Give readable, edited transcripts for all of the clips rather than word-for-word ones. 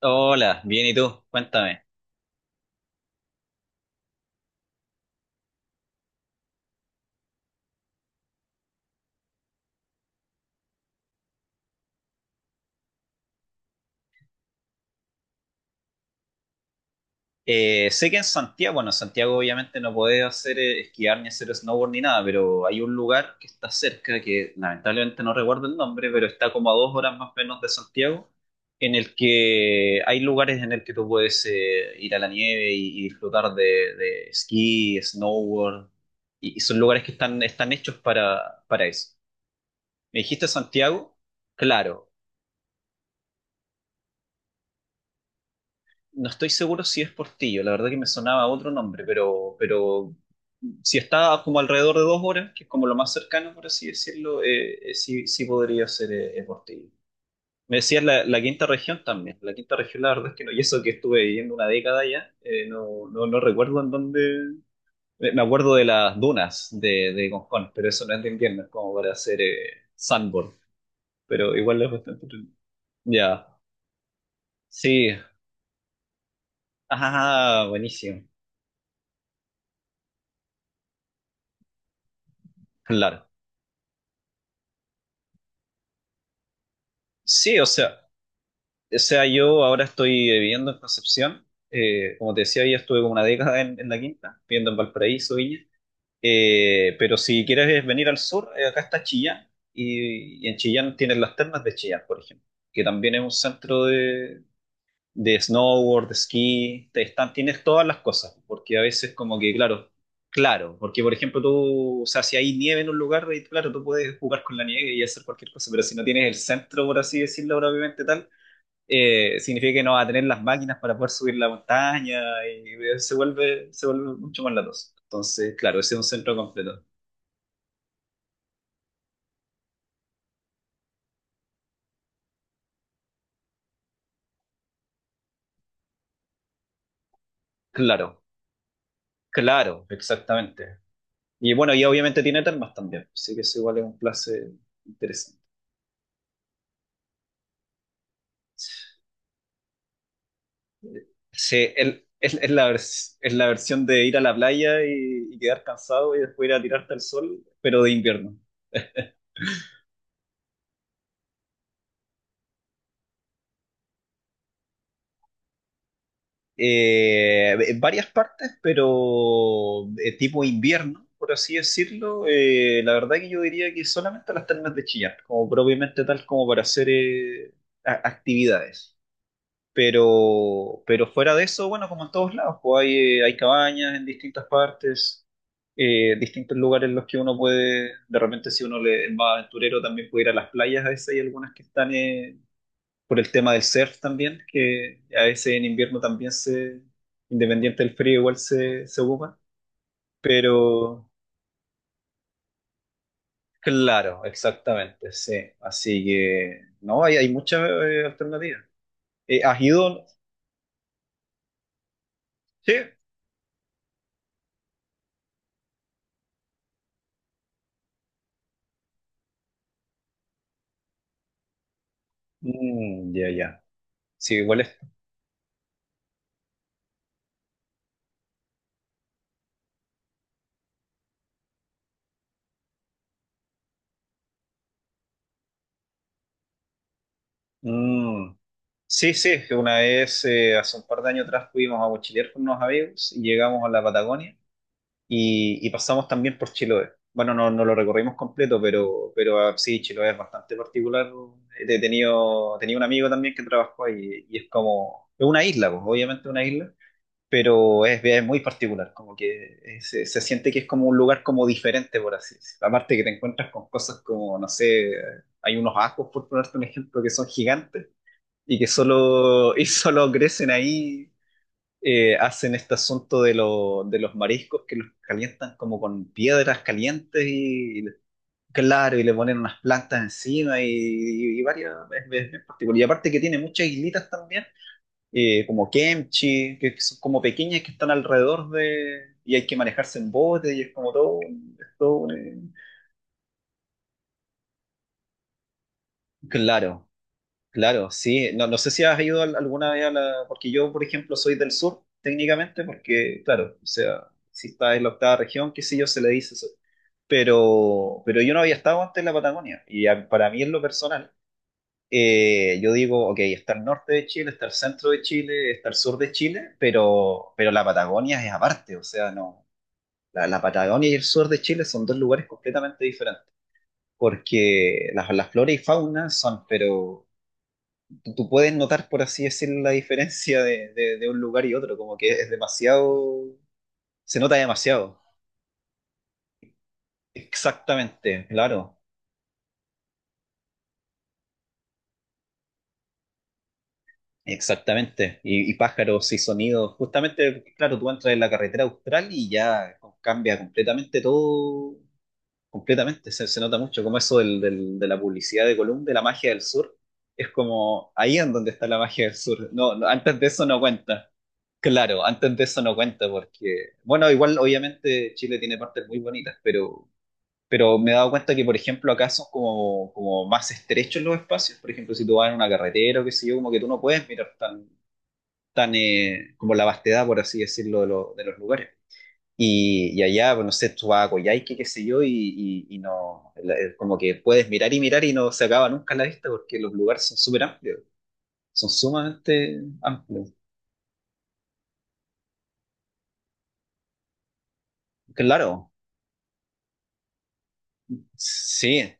Hola, bien, ¿y tú? Cuéntame. Sé que en Santiago, bueno, en Santiago obviamente no podés hacer esquiar ni hacer snowboard ni nada, pero hay un lugar que está cerca, que lamentablemente no recuerdo el nombre, pero está como a 2 horas más o menos de Santiago, en el que hay lugares en el que tú puedes ir a la nieve y disfrutar de esquí, snowboard, y son lugares que están hechos para eso. ¿Me dijiste Santiago? Claro. No estoy seguro si es Portillo, la verdad que me sonaba otro nombre, pero si está como alrededor de 2 horas, que es como lo más cercano, por así decirlo, sí, sí podría ser Portillo. Me decías la quinta región también. La quinta región, la verdad es que no, y eso que estuve viviendo una década ya, no, recuerdo en dónde. Me acuerdo de las dunas de Concón, pero eso no es de invierno, es como para hacer sandboard. Pero igual es bastante. Ya, sí. Ah, buenísimo. Claro. Sí, o sea, yo ahora estoy viviendo en Concepción. Como te decía, ya estuve como una década en La Quinta, viviendo en Valparaíso, Viña. Pero si quieres venir al sur, acá está Chillán. Y en Chillán tienes las termas de Chillán, por ejemplo, que también es un centro de snowboard, de esquí. Te están, tienes todas las cosas, porque a veces como que, claro, claro, porque por ejemplo tú, o sea, si hay nieve en un lugar, y claro, tú puedes jugar con la nieve y hacer cualquier cosa, pero si no tienes el centro, por así decirlo, propiamente tal significa que no va a tener las máquinas para poder subir la montaña y se vuelve mucho más latoso. Entonces, claro, ese es un centro completo. Claro, claro, exactamente. Y bueno, y obviamente tiene termas también, así que eso igual es un place interesante. Sí, es la versión de ir a la playa y quedar cansado y después ir a tirarte al sol, pero de invierno. En varias partes, pero tipo invierno, por así decirlo. La verdad que yo diría que solamente a las termas de Chillán, como propiamente tal como para hacer actividades. Pero fuera de eso, bueno, como en todos lados, pues hay cabañas en distintas partes, distintos lugares en los que uno puede, de repente si uno es más aventurero, también puede ir a las playas a veces, hay algunas que están por el tema del surf también, que a veces en invierno también se, independiente del frío, igual se ocupa. Pero claro, exactamente, sí. Así que no, hay muchas alternativas. ¿Has ido? Sí. Mm, ya, ya. Sí, igual es. Mm, sí, sí, que una vez, hace un par de años atrás, fuimos a mochilear con unos amigos y llegamos a la Patagonia y pasamos también por Chiloé. Bueno, no lo recorrimos completo, pero ah, sí, Chiloé es bastante particular. Tenía un amigo también que trabajó ahí y es como, es una isla, pues, obviamente una isla, pero es muy particular, como que se siente que es como un lugar como diferente, por así decirlo. Aparte que te encuentras con cosas como, no sé, hay unos ajos, por ponerte un ejemplo, que son gigantes y que solo, y solo crecen ahí hacen este asunto de los mariscos que los calientan como con piedras calientes y claro, y le ponen unas plantas encima y varias, es bien particular. Y aparte que tiene muchas islitas también, como kimchi, que son como pequeñas que están alrededor de, y hay que manejarse en bote y es como todo, es todo un, claro. Claro, sí. No, no sé si has ido alguna vez a la... Porque yo, por ejemplo, soy del sur, técnicamente, porque, claro, o sea, si está en la octava región, qué sé yo, se le dice eso. Pero yo no había estado antes en la Patagonia. Y para mí, en lo personal, yo digo, ok, está el norte de Chile, está el centro de Chile, está el sur de Chile, pero la Patagonia es aparte. O sea, no, la Patagonia y el sur de Chile son dos lugares completamente diferentes. Porque las flores y fauna son, pero tú puedes notar, por así decirlo, la diferencia de un lugar y otro, como que es demasiado, se nota demasiado. Exactamente, claro, exactamente. Y pájaros y sonidos, justamente, claro, tú entras en la carretera austral y ya cambia completamente todo. Completamente, se nota mucho como eso de la publicidad de Column, de la magia del sur, es como ahí en donde está la magia del sur. No, no, antes de eso no cuenta. Claro, antes de eso no cuenta porque, bueno, igual obviamente Chile tiene partes muy bonitas, pero me he dado cuenta que, por ejemplo, acá son como, más estrechos los espacios. Por ejemplo, si tú vas en una carretera o qué sé yo, como que tú no puedes mirar tan como la vastedad, por así decirlo, de los lugares. Y allá, pues, no sé, tú vas a Coyhaique, qué sé yo, y no, es como que puedes mirar y mirar y no se acaba nunca la vista porque los lugares son súper amplios, son sumamente amplios. Claro, sí,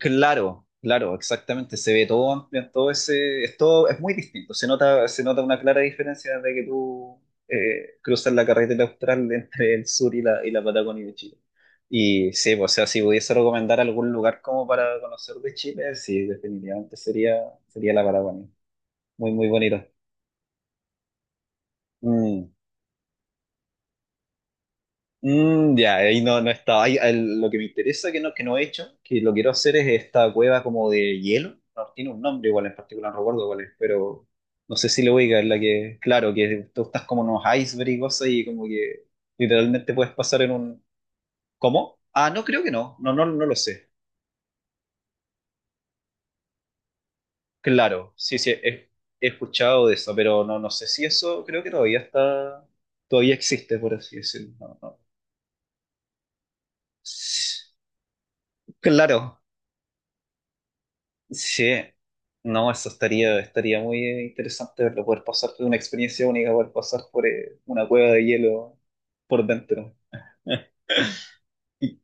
claro, claro, exactamente. Se ve todo amplio todo ese. Es, todo, es muy distinto. Se nota una clara diferencia de que tú cruzas la carretera austral entre el sur y la Patagonia de Chile. Y sí, pues, o sea, si pudiese recomendar algún lugar como para conocer de Chile, sí, definitivamente sería la Patagonia. Muy, muy bonito. Mm. Mm, ya, ahí no estaba. Ahí, lo que me interesa que no he hecho, que lo quiero hacer es esta cueva como de hielo. No, tiene un nombre igual en particular, no recuerdo cuál es, pero no sé si lo voy a la que, claro, que tú estás como en unos iceberg y cosas y como que literalmente puedes pasar en un... ¿Cómo? Ah, no, creo que no. No lo sé. Claro, sí, sí, he escuchado de eso, pero no sé si eso creo que todavía está, todavía existe, por así decirlo. No, no. Claro. Sí, no, eso estaría muy interesante verlo, poder pasar por una experiencia única, poder pasar por una cueva de hielo por dentro. Y,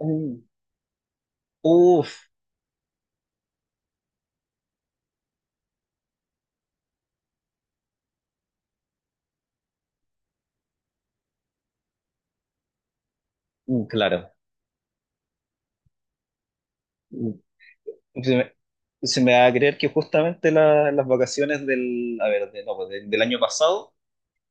mm, uf, mm, claro. Mm. Se me, se me va a creer que justamente las vacaciones del, a ver, no, pues, del año pasado,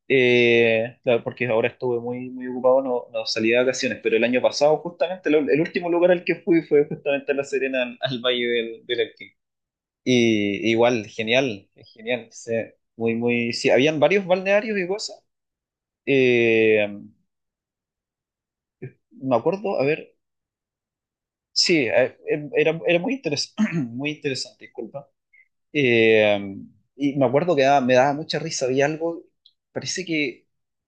claro, porque ahora estuve muy, muy ocupado, no salí de vacaciones, pero el año pasado justamente el último lugar al que fui fue justamente a La Serena, al Valle del Elqui. Y igual, genial, genial. Sí, muy, muy, sí, habían varios balnearios y cosas. Eh, Me acuerdo, a ver, sí, era muy interesante, muy interesante, disculpa. Eh, y me acuerdo que me daba mucha risa, había algo, parece que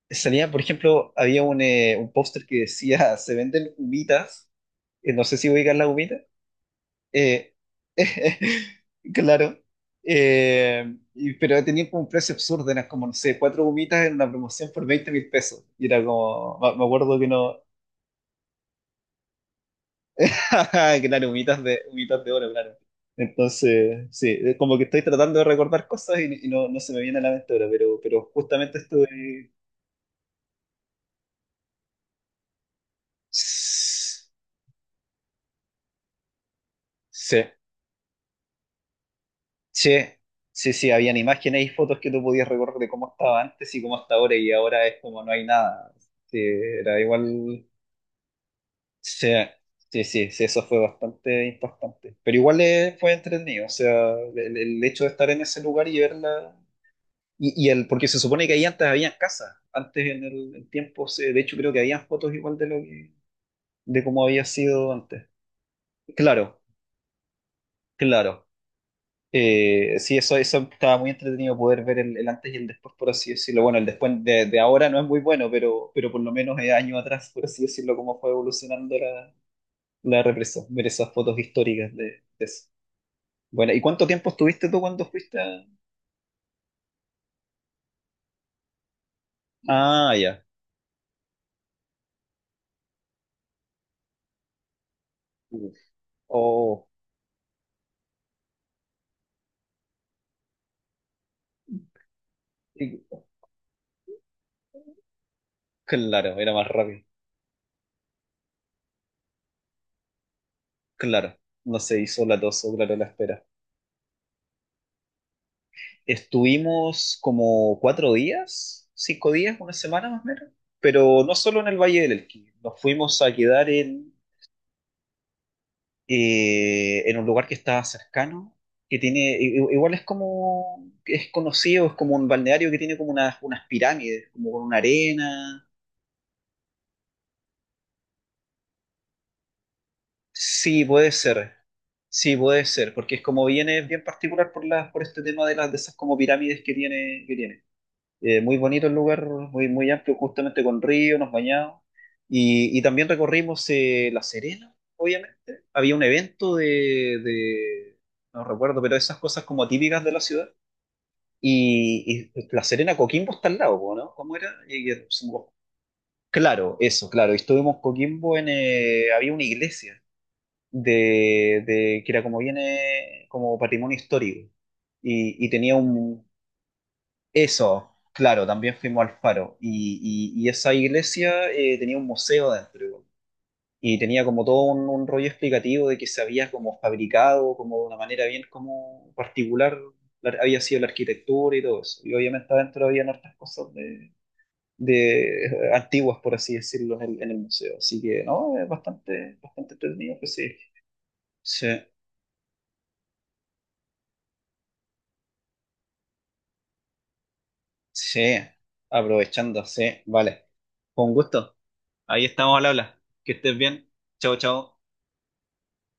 salía, por ejemplo, había un póster que decía, se venden humitas, no sé si ubican las humitas. Eh, claro. Pero tenían como un precio absurdo, eran como, no sé, cuatro gomitas en una promoción por 20.000 pesos. Y era como, me acuerdo que no, claro, gomitas de oro, claro. Entonces, sí, es como que estoy tratando de recordar cosas y no, se me viene a la mente ahora, pero justamente estuve... Sí, sí, sí, sí, habían imágenes y fotos que tú podías recordar de cómo estaba antes y cómo está ahora y ahora es como no hay nada. Sí, era igual. Sí, sí, sí, sí, eso fue bastante impactante. Pero igual fue entretenido, o sea, el hecho de estar en ese lugar y verla. Porque se supone que ahí antes habían casas, antes en tiempos, de hecho creo que habían fotos igual de lo que, de cómo había sido antes. Claro, claro. Sí, eso estaba muy entretenido poder ver el antes y el después, por así decirlo. Bueno, el después de ahora no es muy bueno, pero por lo menos años atrás, por así decirlo, cómo fue evolucionando la represa. Ver esas fotos históricas de eso. Bueno, ¿y cuánto tiempo estuviste tú cuando fuiste a...? Ah, ya. Uf. Oh, y- claro, era más rápido. Claro, no se hizo latoso, claro, la espera. Estuvimos como 4 días, 5 días, una semana más o menos, pero no solo en el Valle del Elqui. Nos fuimos a quedar en un lugar que está cercano, que tiene, igual es como, es conocido, es como un balneario que tiene como unas pirámides, como con una arena. Sí, puede ser. Sí, puede ser, porque es como viene bien particular por por este tema de las de esas como pirámides que tiene. Muy bonito el lugar, muy, muy amplio, justamente con río, nos bañamos. Y también recorrimos La Serena, obviamente. Había un evento no recuerdo, pero esas cosas como típicas de la ciudad. Y La Serena, Coquimbo está al lado, ¿no? ¿Cómo era? Claro, eso, claro. Y estuvimos Coquimbo había una iglesia de que era como viene como patrimonio histórico. Y tenía un... Eso, claro, también fuimos al Faro. Y esa iglesia tenía un museo dentro, igual. Y tenía como todo un rollo explicativo de que se había como fabricado, como de una manera bien como particular, había sido la arquitectura y todo eso. Y obviamente adentro había hartas cosas de antiguas, por así decirlo, en el museo. Así que no, es bastante, bastante entretenido, pues sí. Sí. Sí, aprovechando, sí, vale. Con gusto. Ahí estamos al habla. Que estés bien. Chao, chao.